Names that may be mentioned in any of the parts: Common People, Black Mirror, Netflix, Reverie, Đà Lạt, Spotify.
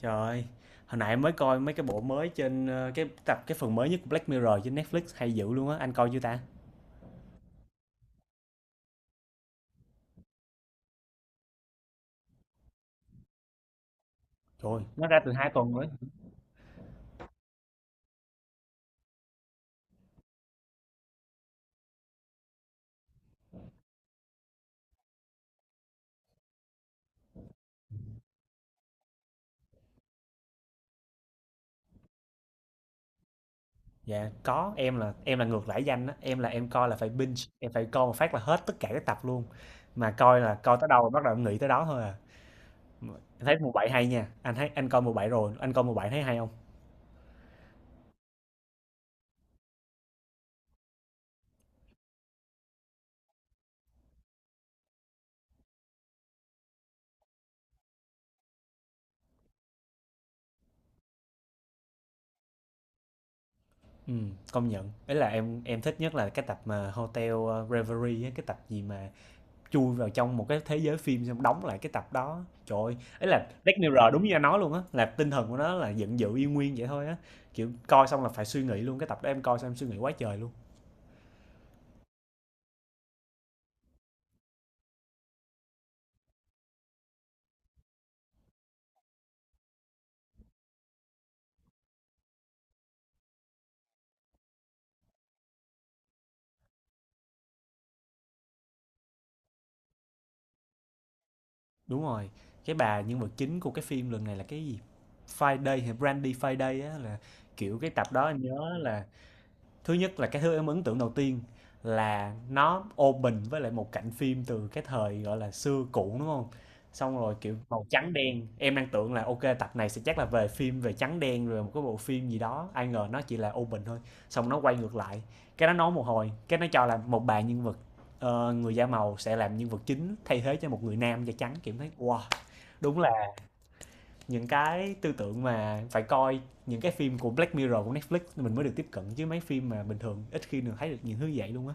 Trời ơi, hồi nãy mới coi mấy cái bộ mới trên cái tập cái phần mới nhất của Black Mirror trên Netflix hay dữ luôn á, anh coi chưa ta? Trời ơi, nó ra từ hai tuần rồi. Dạ, có, em là ngược lại danh á, em là em coi là phải binge, em phải coi một phát là hết tất cả các tập luôn. Mà coi là coi tới đâu rồi bắt đầu em nghĩ tới đó thôi à. Mà em thấy mùa 7 hay nha. Anh thấy anh coi mùa bảy rồi, anh coi mùa 7 thấy hay không? Ừ, công nhận. Ấy là em thích nhất là cái tập mà Hotel Reverie á, cái tập gì mà chui vào trong một cái thế giới phim xong đóng lại cái tập đó. Trời ơi, ấy là Black Mirror đúng như anh nói luôn á, là tinh thần của nó là giận dữ y nguyên vậy thôi á. Kiểu coi xong là phải suy nghĩ luôn, cái tập đó em coi xong em suy nghĩ quá trời luôn. Đúng rồi, cái bà nhân vật chính của cái phim lần này là cái gì Friday hay Brandy Friday á, là kiểu cái tập đó anh nhớ là thứ nhất là cái thứ em ấn tượng đầu tiên là nó open với lại một cảnh phim từ cái thời gọi là xưa cũ đúng không, xong rồi kiểu màu trắng đen em đang tưởng là ok tập này sẽ chắc là về phim về trắng đen rồi một cái bộ phim gì đó, ai ngờ nó chỉ là open thôi. Xong nó quay ngược lại, cái nó nói một hồi cái nó cho là một bà nhân vật người da màu sẽ làm nhân vật chính thay thế cho một người nam da trắng, kiểu thấy wow. Đúng là những cái tư tưởng mà phải coi những cái phim của Black Mirror của Netflix mình mới được tiếp cận, chứ mấy phim mà bình thường ít khi được thấy được những thứ vậy luôn á.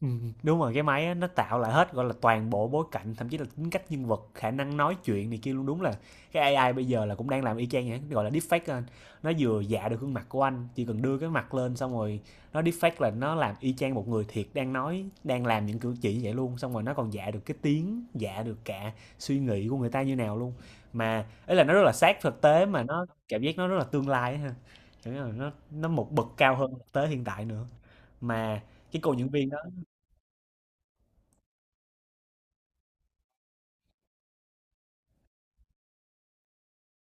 Đúng rồi, cái máy á, nó tạo lại hết, gọi là, toàn bộ bối cảnh, thậm chí là tính cách nhân vật, khả năng nói chuyện này kia luôn. Đúng là cái AI bây giờ là cũng đang làm y chang vậy, gọi là deepfake á anh. Nó vừa dạ được gương mặt của anh, chỉ cần đưa cái mặt lên xong rồi nó deepfake là nó làm y chang một người thiệt đang nói, đang làm những cử chỉ như vậy luôn. Xong rồi nó còn dạ được cái tiếng, dạ được cả suy nghĩ của người ta như nào luôn. Mà ấy là nó rất là sát thực tế mà nó cảm giác nó rất là tương lai á ha. Kiểu như là nó một bậc cao hơn thực tế hiện tại nữa. Mà cái cô diễn viên đó.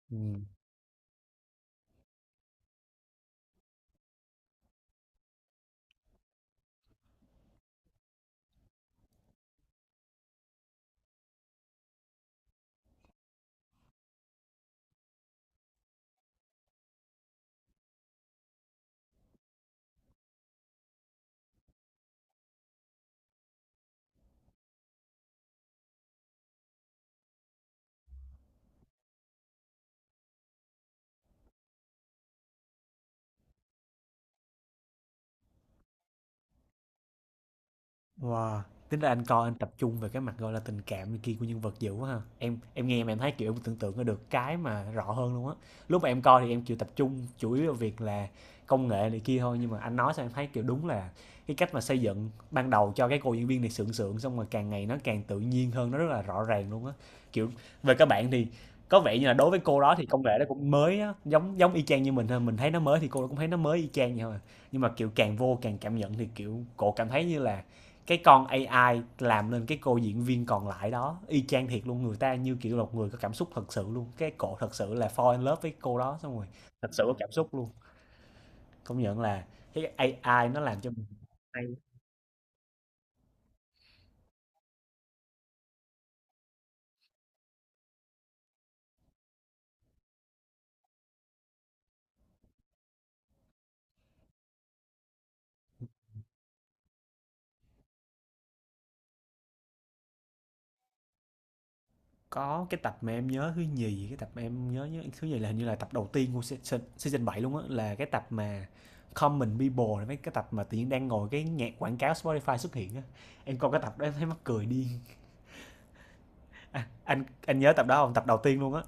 Ừ. Wow! Tính ra anh coi anh tập trung về cái mặt, gọi là, tình cảm này kia của nhân vật dữ quá ha. Em nghe mà em thấy, kiểu, em tưởng tượng ra được cái mà rõ hơn luôn á. Lúc mà em coi thì em, chịu tập trung chủ yếu vào việc là công nghệ này kia thôi, nhưng mà anh nói xong em thấy, kiểu, đúng là cái cách mà xây dựng ban đầu cho cái cô diễn viên này sượng sượng, xong rồi càng ngày nó càng tự nhiên hơn, nó rất là rõ ràng luôn á. Kiểu, về các bạn thì có vẻ như là đối với cô đó thì công nghệ nó cũng mới á, giống giống y chang như mình thôi, mình thấy nó mới thì cô cũng thấy nó mới y chang vậy thôi à. Nhưng mà, kiểu, càng vô càng cảm nhận thì, kiểu, cô cảm thấy như là cái con AI làm nên cái cô diễn viên còn lại đó y chang thiệt luôn, người ta như kiểu là một người có cảm xúc thật sự luôn, cái cổ thật sự là fall in love với cô đó xong rồi thật sự có cảm xúc luôn. Công nhận là cái AI nó làm cho mình hay. Có cái tập mà em nhớ thứ nhì, cái tập mà em nhớ nhớ- thứ nhì là hình như là tập đầu tiên của season 7 luôn á, là cái tập mà Common People, là mấy cái tập mà tự nhiên đang ngồi cái nhạc quảng cáo Spotify xuất hiện á. Em coi cái tập đó em thấy mắc cười điên. Anh nhớ tập đó không, tập đầu tiên luôn á.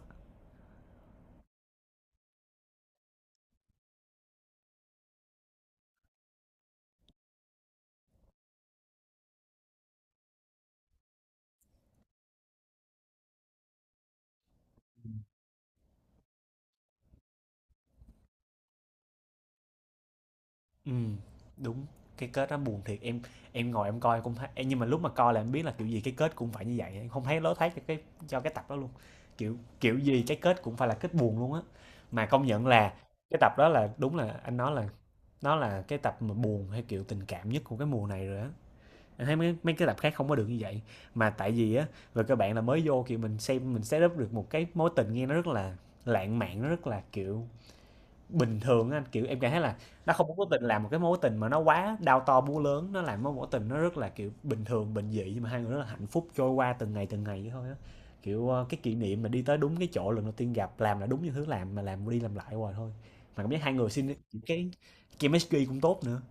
Ừm, đúng, cái kết nó buồn thiệt, em ngồi em coi cũng thấy ê, nhưng mà lúc mà coi là em biết là kiểu gì cái kết cũng phải như vậy, em không thấy lối thoát cho cho cái tập đó luôn. Kiểu kiểu gì cái kết cũng phải là kết buồn luôn á. Mà công nhận là cái tập đó là đúng là anh nói là nó là cái tập mà buồn hay kiểu tình cảm nhất của cái mùa này rồi á. Anh thấy mấy mấy cái tập khác không có được như vậy. Mà tại vì á, về cơ bản là mới vô kiểu mình xem mình set up được một cái mối tình nghe nó rất là lãng mạn, nó rất là kiểu bình thường á anh, kiểu, em cảm thấy là nó không có cố tình làm một cái mối tình mà nó quá đao to búa lớn, nó làm mối mối tình nó rất là, kiểu, bình thường, bình dị, nhưng mà hai người rất là hạnh phúc trôi qua từng ngày vậy thôi á. Kiểu, ơ, cái kỷ niệm mà đi tới đúng cái chỗ lần đầu tiên gặp, làm là đúng những thứ làm mà làm đi làm lại hoài thôi. Mà cảm giác hai người xin cái chemistry cũng tốt nữa.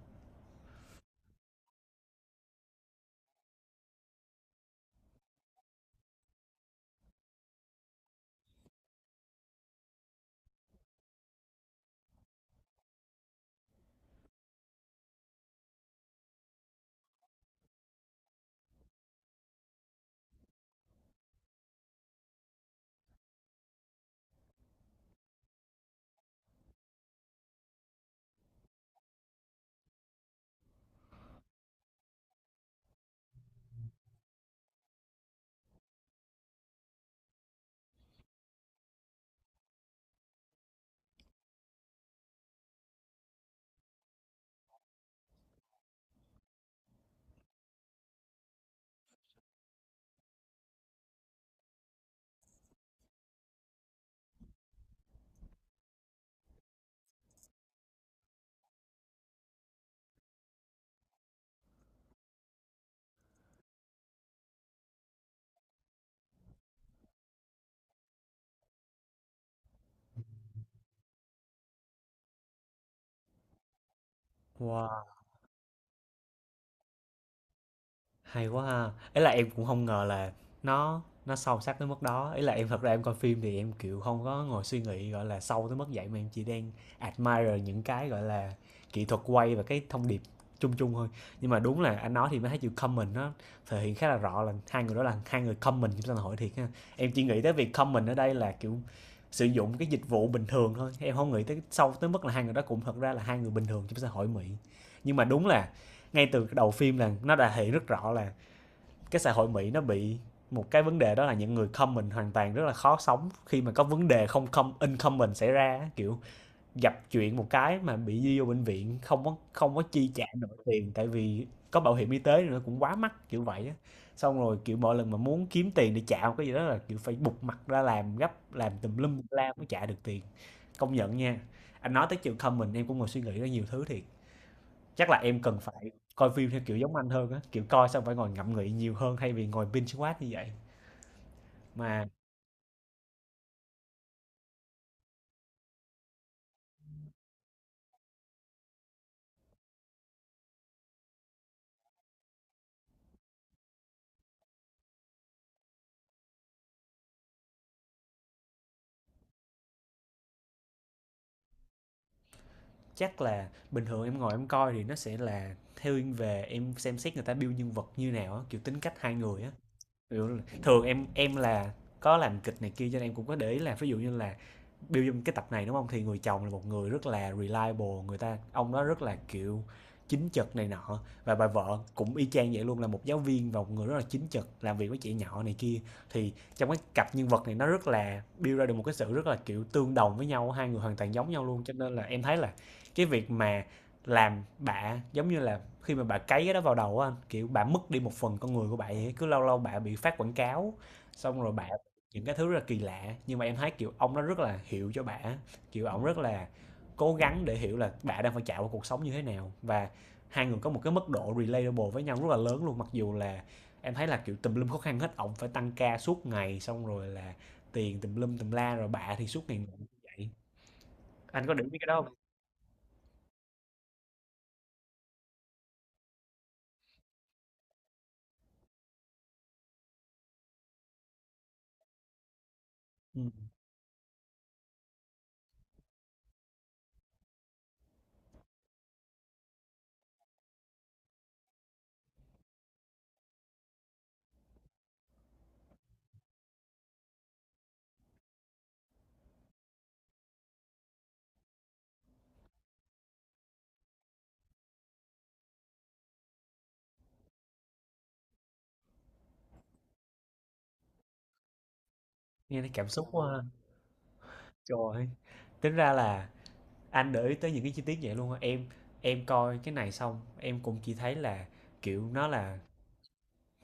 Wow! Hay quá ha. Ấy là em cũng không ngờ là nó nó sâu sắc tới mức đó. Ấy là em thật ra em coi phim thì em, kiểu, không có ngồi suy nghĩ, gọi là, sâu tới mức vậy, mà em chỉ đang admire những cái, gọi là, kỹ thuật quay và cái thông điệp chung chung thôi. Nhưng mà đúng là anh nói thì mới thấy chữ common nó thể hiện khá là rõ là hai người đó là hai người common trong xã hội thiệt ha. Em chỉ nghĩ tới việc common ở đây là, kiểu, sử dụng cái dịch vụ bình thường thôi, em không nghĩ tới sâu tới mức là hai người đó cũng thật ra là hai người bình thường trong xã hội Mỹ. Nhưng mà đúng là ngay từ đầu phim là nó đã thể hiện rất rõ là cái xã hội Mỹ nó bị một cái vấn đề, đó là những người comment hoàn toàn rất là khó sống khi mà có vấn đề không không in comment xảy ra, kiểu gặp chuyện một cái mà bị đi vô bệnh viện không có chi trả nổi tiền, tại vì có bảo hiểm y tế nó cũng quá mắc kiểu vậy á. Xong rồi kiểu mỗi lần mà muốn kiếm tiền để trả một cái gì đó là kiểu phải bục mặt ra làm gấp làm tùm lum la mới trả được tiền. Công nhận nha, anh nói tới chuyện comment em cũng ngồi suy nghĩ ra nhiều thứ thiệt. Chắc là em cần phải coi phim theo kiểu giống anh hơn á, kiểu coi xong phải ngồi ngẫm nghĩ nhiều hơn thay vì ngồi binge watch như vậy. Mà chắc là bình thường em ngồi em coi thì nó sẽ là thiên về em xem xét người ta build nhân vật như nào á, kiểu tính cách hai người á. Hiểu. Thường em là có làm kịch này kia cho nên em cũng có để ý là ví dụ như là build trong cái tập này, đúng không. Thì người chồng là một người rất là reliable, người ta ông đó rất là, kiểu, chính trực này nọ, và bà vợ cũng y chang vậy luôn, là một giáo viên và một người rất là chính trực, làm việc với trẻ nhỏ này kia. Thì trong cái cặp nhân vật này nó rất là build ra được một cái sự rất là, kiểu, tương đồng với nhau, hai người hoàn toàn giống nhau luôn, cho nên là em thấy là cái việc mà làm bạ giống như là khi mà bà cấy cái đó vào đầu á anh, kiểu bà mất đi một phần con người của bà ấy. Cứ lâu lâu bà bị phát quảng cáo xong rồi bà những cái thứ rất là kỳ lạ, nhưng mà em thấy kiểu ông nó rất là hiểu cho bà, kiểu ông rất là cố gắng để hiểu là bà đang phải trải qua cuộc sống như thế nào, và hai người có một cái mức độ relatable với nhau rất là lớn luôn, mặc dù là em thấy là kiểu tùm lum khó khăn hết, ông phải tăng ca suốt ngày xong rồi là tiền tùm lum tùm la, rồi bà thì suốt ngày ngủ như vậy. Anh có để ý cái đó không? Ừ. Nghe thấy cảm xúc quá ha. Trời ơi, tính ra là anh để ý tới những cái chi tiết vậy luôn hả em. Em coi cái này xong em cũng chỉ thấy là kiểu nó là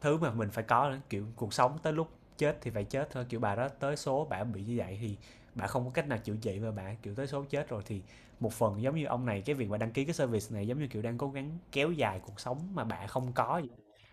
thứ mà mình phải có, kiểu cuộc sống tới lúc chết thì phải chết thôi, kiểu bà đó tới số bà bị như vậy thì bà không có cách nào chữa trị, và bà kiểu tới số chết rồi thì một phần giống như ông này, cái việc mà đăng ký cái service này giống như kiểu đang cố gắng kéo dài cuộc sống mà bà không có vậy.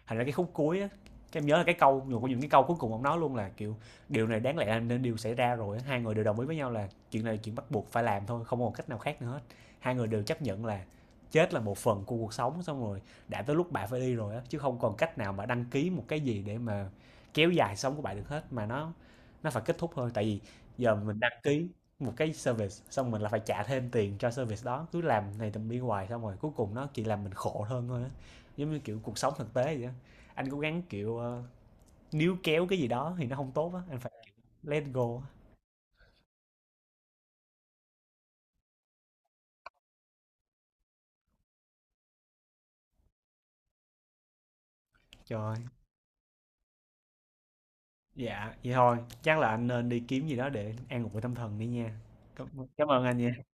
Thành ra cái khúc cuối á, cái em nhớ là cái câu một trong những cái câu cuối cùng ông nói luôn là kiểu điều này đáng lẽ là nên điều xảy ra rồi á. Hai người đều đồng ý với nhau là chuyện này là chuyện bắt buộc phải làm thôi, không có một cách nào khác nữa hết. Hai người đều chấp nhận là chết là một phần của cuộc sống, xong rồi đã tới lúc bạn phải đi rồi á, chứ không còn cách nào mà đăng ký một cái gì để mà kéo dài sống của bạn được hết, mà nó phải kết thúc thôi. Tại vì giờ mình đăng ký một cái service xong mình là phải trả thêm tiền cho service đó, cứ làm này tầm đi hoài xong rồi cuối cùng nó chỉ làm mình khổ hơn thôi á. Giống như kiểu cuộc sống thực tế vậy á, anh cố gắng kiểu níu kéo cái gì đó thì nó không tốt á, anh phải let go á. Trời ơi. Dạ vậy thôi, chắc là anh nên đi kiếm gì đó để an ủi tâm thần đi nha. cảm, Cảm ơn anh nha.